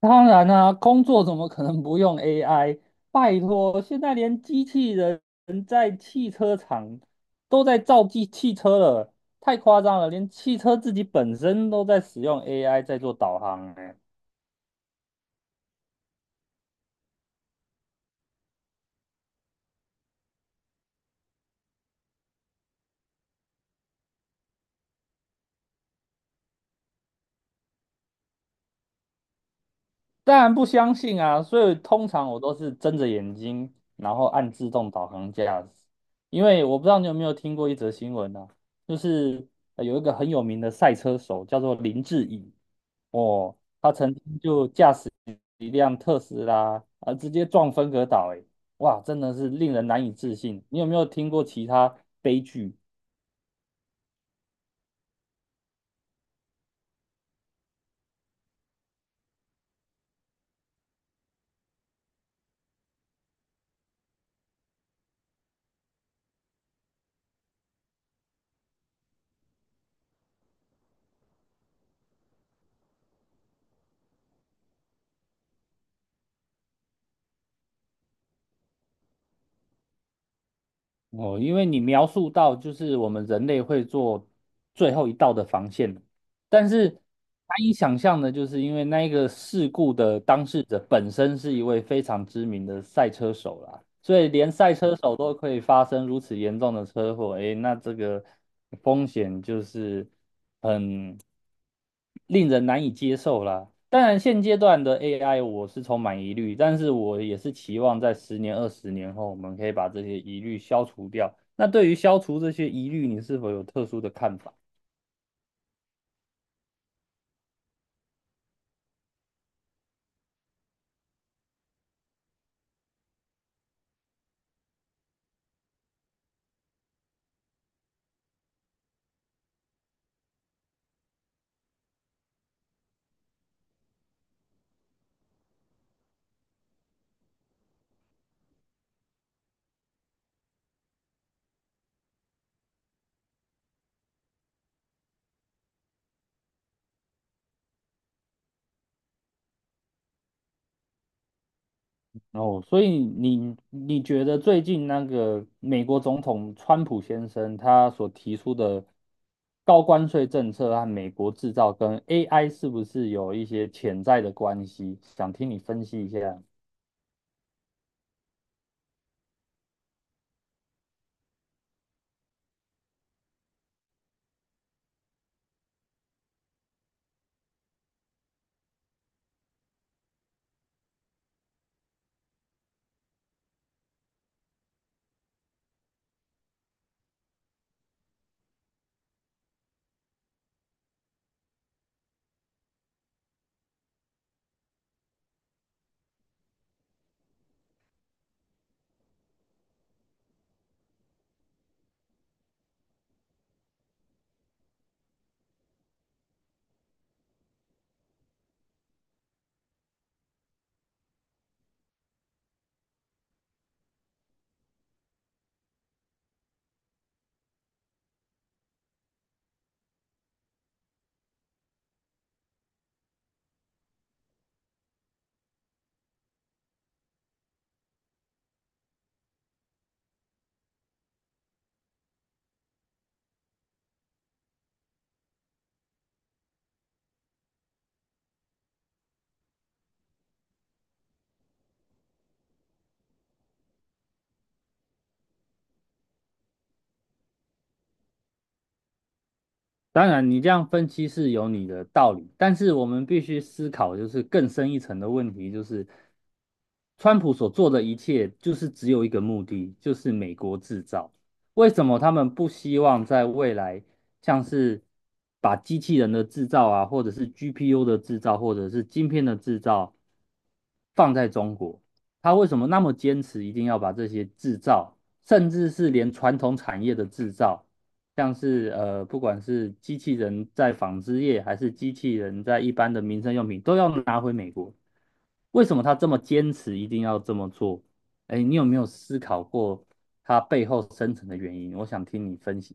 当然啦，工作怎么可能不用 AI？拜托，现在连机器人在汽车厂都在造汽车了，太夸张了！连汽车自己本身都在使用 AI 在做导航，欸，当然不相信啊。所以通常我都是睁着眼睛，然后按自动导航驾驶。因为我不知道你有没有听过一则新闻啊，就是有一个很有名的赛车手叫做林志颖哦，他曾经就一辆特斯拉啊，直接撞分隔岛，哎，哇，真的是令人难以置信。你有没有听过其他悲剧？哦，因为你描述到就是我们人类会做最后一道的防线，但是难以想象的，就是因为那一个事故的当事者本身是一位非常知名的赛车手啦，所以连赛车手都可以发生如此严重的车祸，诶，那这个风险就是。很令人难以接受啦。当然，现阶段的 AI 我是充满疑虑，但是我也是期望在十年、二十年后，我们可以把这些疑虑消除掉。那对于消除这些疑虑，你是否有特殊的看法？哦，所以你觉得最近那个美国总统川普先生他所提出的高关税政策和美国制造跟 AI 是不是有一些潜在的关系？想听你分析一下。当然，你这样分析是有你的道理，但是我们必须思考就是更深一层的问题，就是川普所做的一切就是只有一个目的，就是美国制造。为什么他们不希望在未来像是把机器人的制造啊，或者是 GPU 的制造，或者是晶片的制造放在中国？他为什么那么坚持一定要把这些制造，甚至是连传统产业的制造，像是不管是机器人在纺织业，还是机器人在一般的民生用品，都要拿回美国？为什么他这么坚持一定要这么做？哎，你有没有思考过他背后深层的原因？我想听你分析。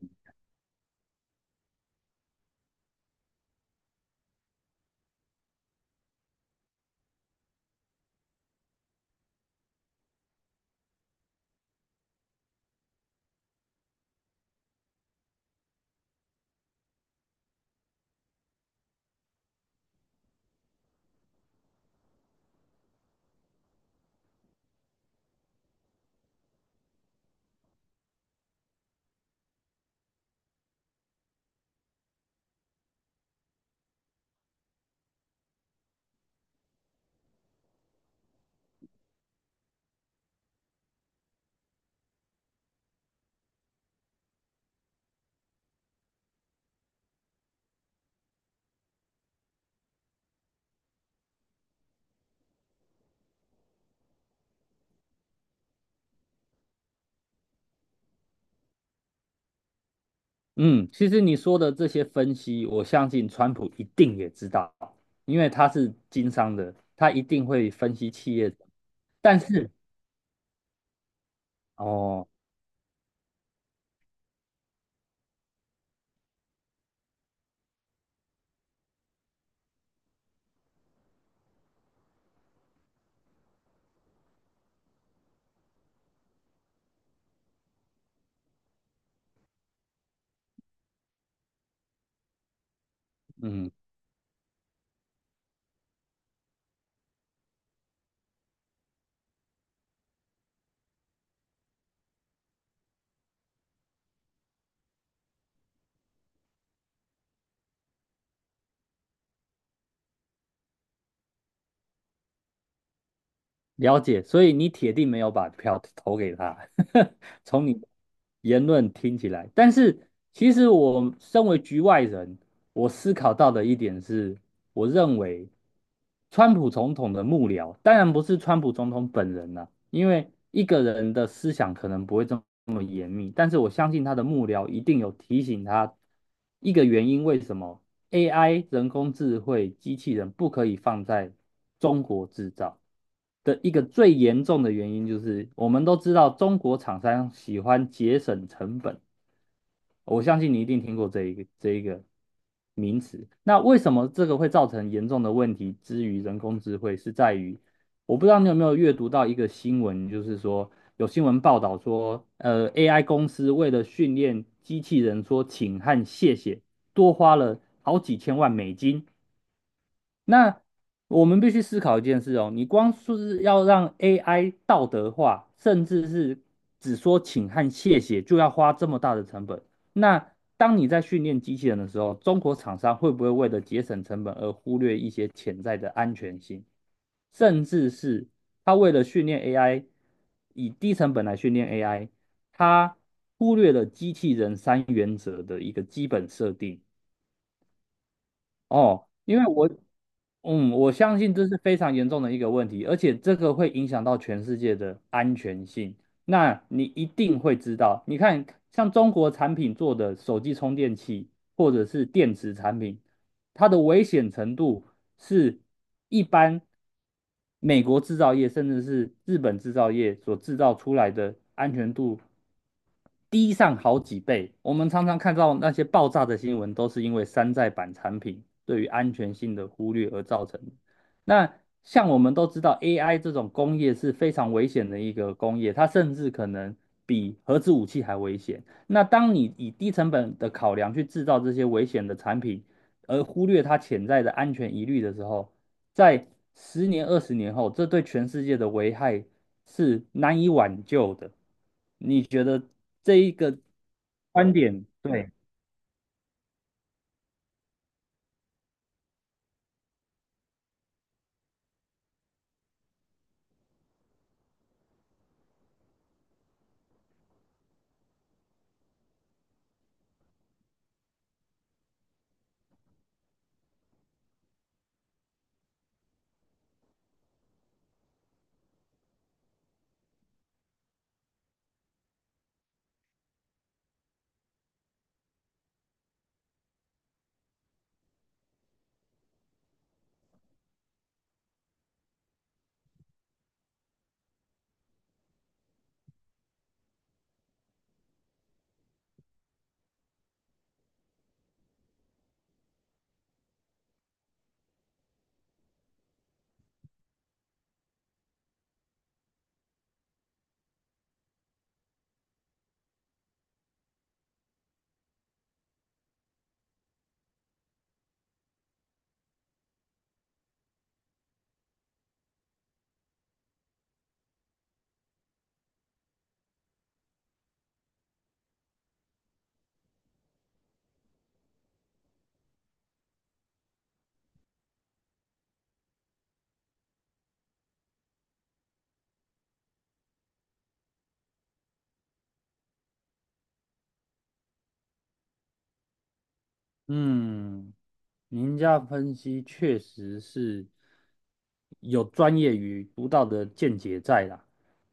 嗯，其实你说的这些分析，我相信川普一定也知道，因为他是经商的，他一定会分析企业的。但是哦，嗯，了解，所以你铁定没有把票投给他，从你言论听起来。但是其实我身为局外人，我思考到的一点是，我认为川普总统的幕僚，当然不是川普总统本人了，因为一个人的思想可能不会这么。严密，但是我相信他的幕僚一定有提醒他一个原因，为什么 AI 人工智慧机器人不可以放在中国制造的一个最严重的原因，就是我们都知道中国厂商喜欢节省成本，我相信你一定听过这一个名词。那为什么这个会造成严重的问题？之于人工智慧是在于，我不知道你有没有阅读到一个新闻，就是说有新闻报道说，AI 公司为了训练机器人说请和谢谢，多花了好几千万美金。那我们必须思考一件事哦，你光说是要让 AI 道德化，甚至是只说请和谢谢，就要花这么大的成本。那当你在训练机器人的时候，中国厂商会不会为了节省成本而忽略一些潜在的安全性，甚至是他为了训练 AI，以低成本来训练 AI，他忽略了机器人三原则的一个基本设定哦，因为我嗯，我相信这是非常严重的一个问题，而且这个会影响到全世界的安全性。那你一定会知道。你看，像中国产品做的手机充电器或者是电池产品，它的危险程度是一般美国制造业甚至是日本制造业所制造出来的安全度低上好几倍。我们常常看到那些爆炸的新闻，都是因为山寨版产品对于安全性的忽略而造成。那像我们都知道，AI 这种工业是非常危险的一个工业，它甚至可能比核子武器还危险。那当你以低成本的考量去制造这些危险的产品，而忽略它潜在的安全疑虑的时候，在十年、二十年后，这对全世界的危害是难以挽救的。你觉得这一个观点，对，嗯。您家分析确实是有专业与独到的见解在啦。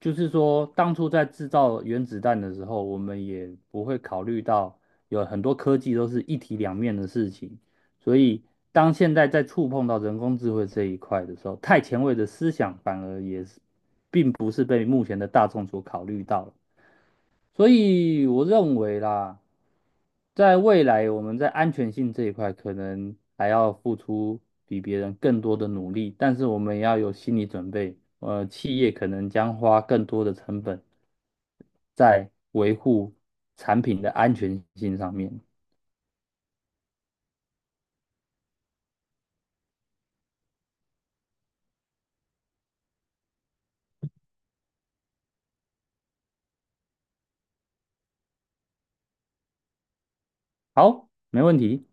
就是说，当初在制造原子弹的时候，我们也不会考虑到有很多科技都是一体两面的事情。所以，当现在在触碰到人工智慧这一块的时候，太前卫的思想反而也是并不是被目前的大众所考虑到了。所以我认为啦，在未来我们在安全性这一块可能还要付出比别人更多的努力，但是我们也要有心理准备，企业可能将花更多的成本在维护产品的安全性上面。好，没问题。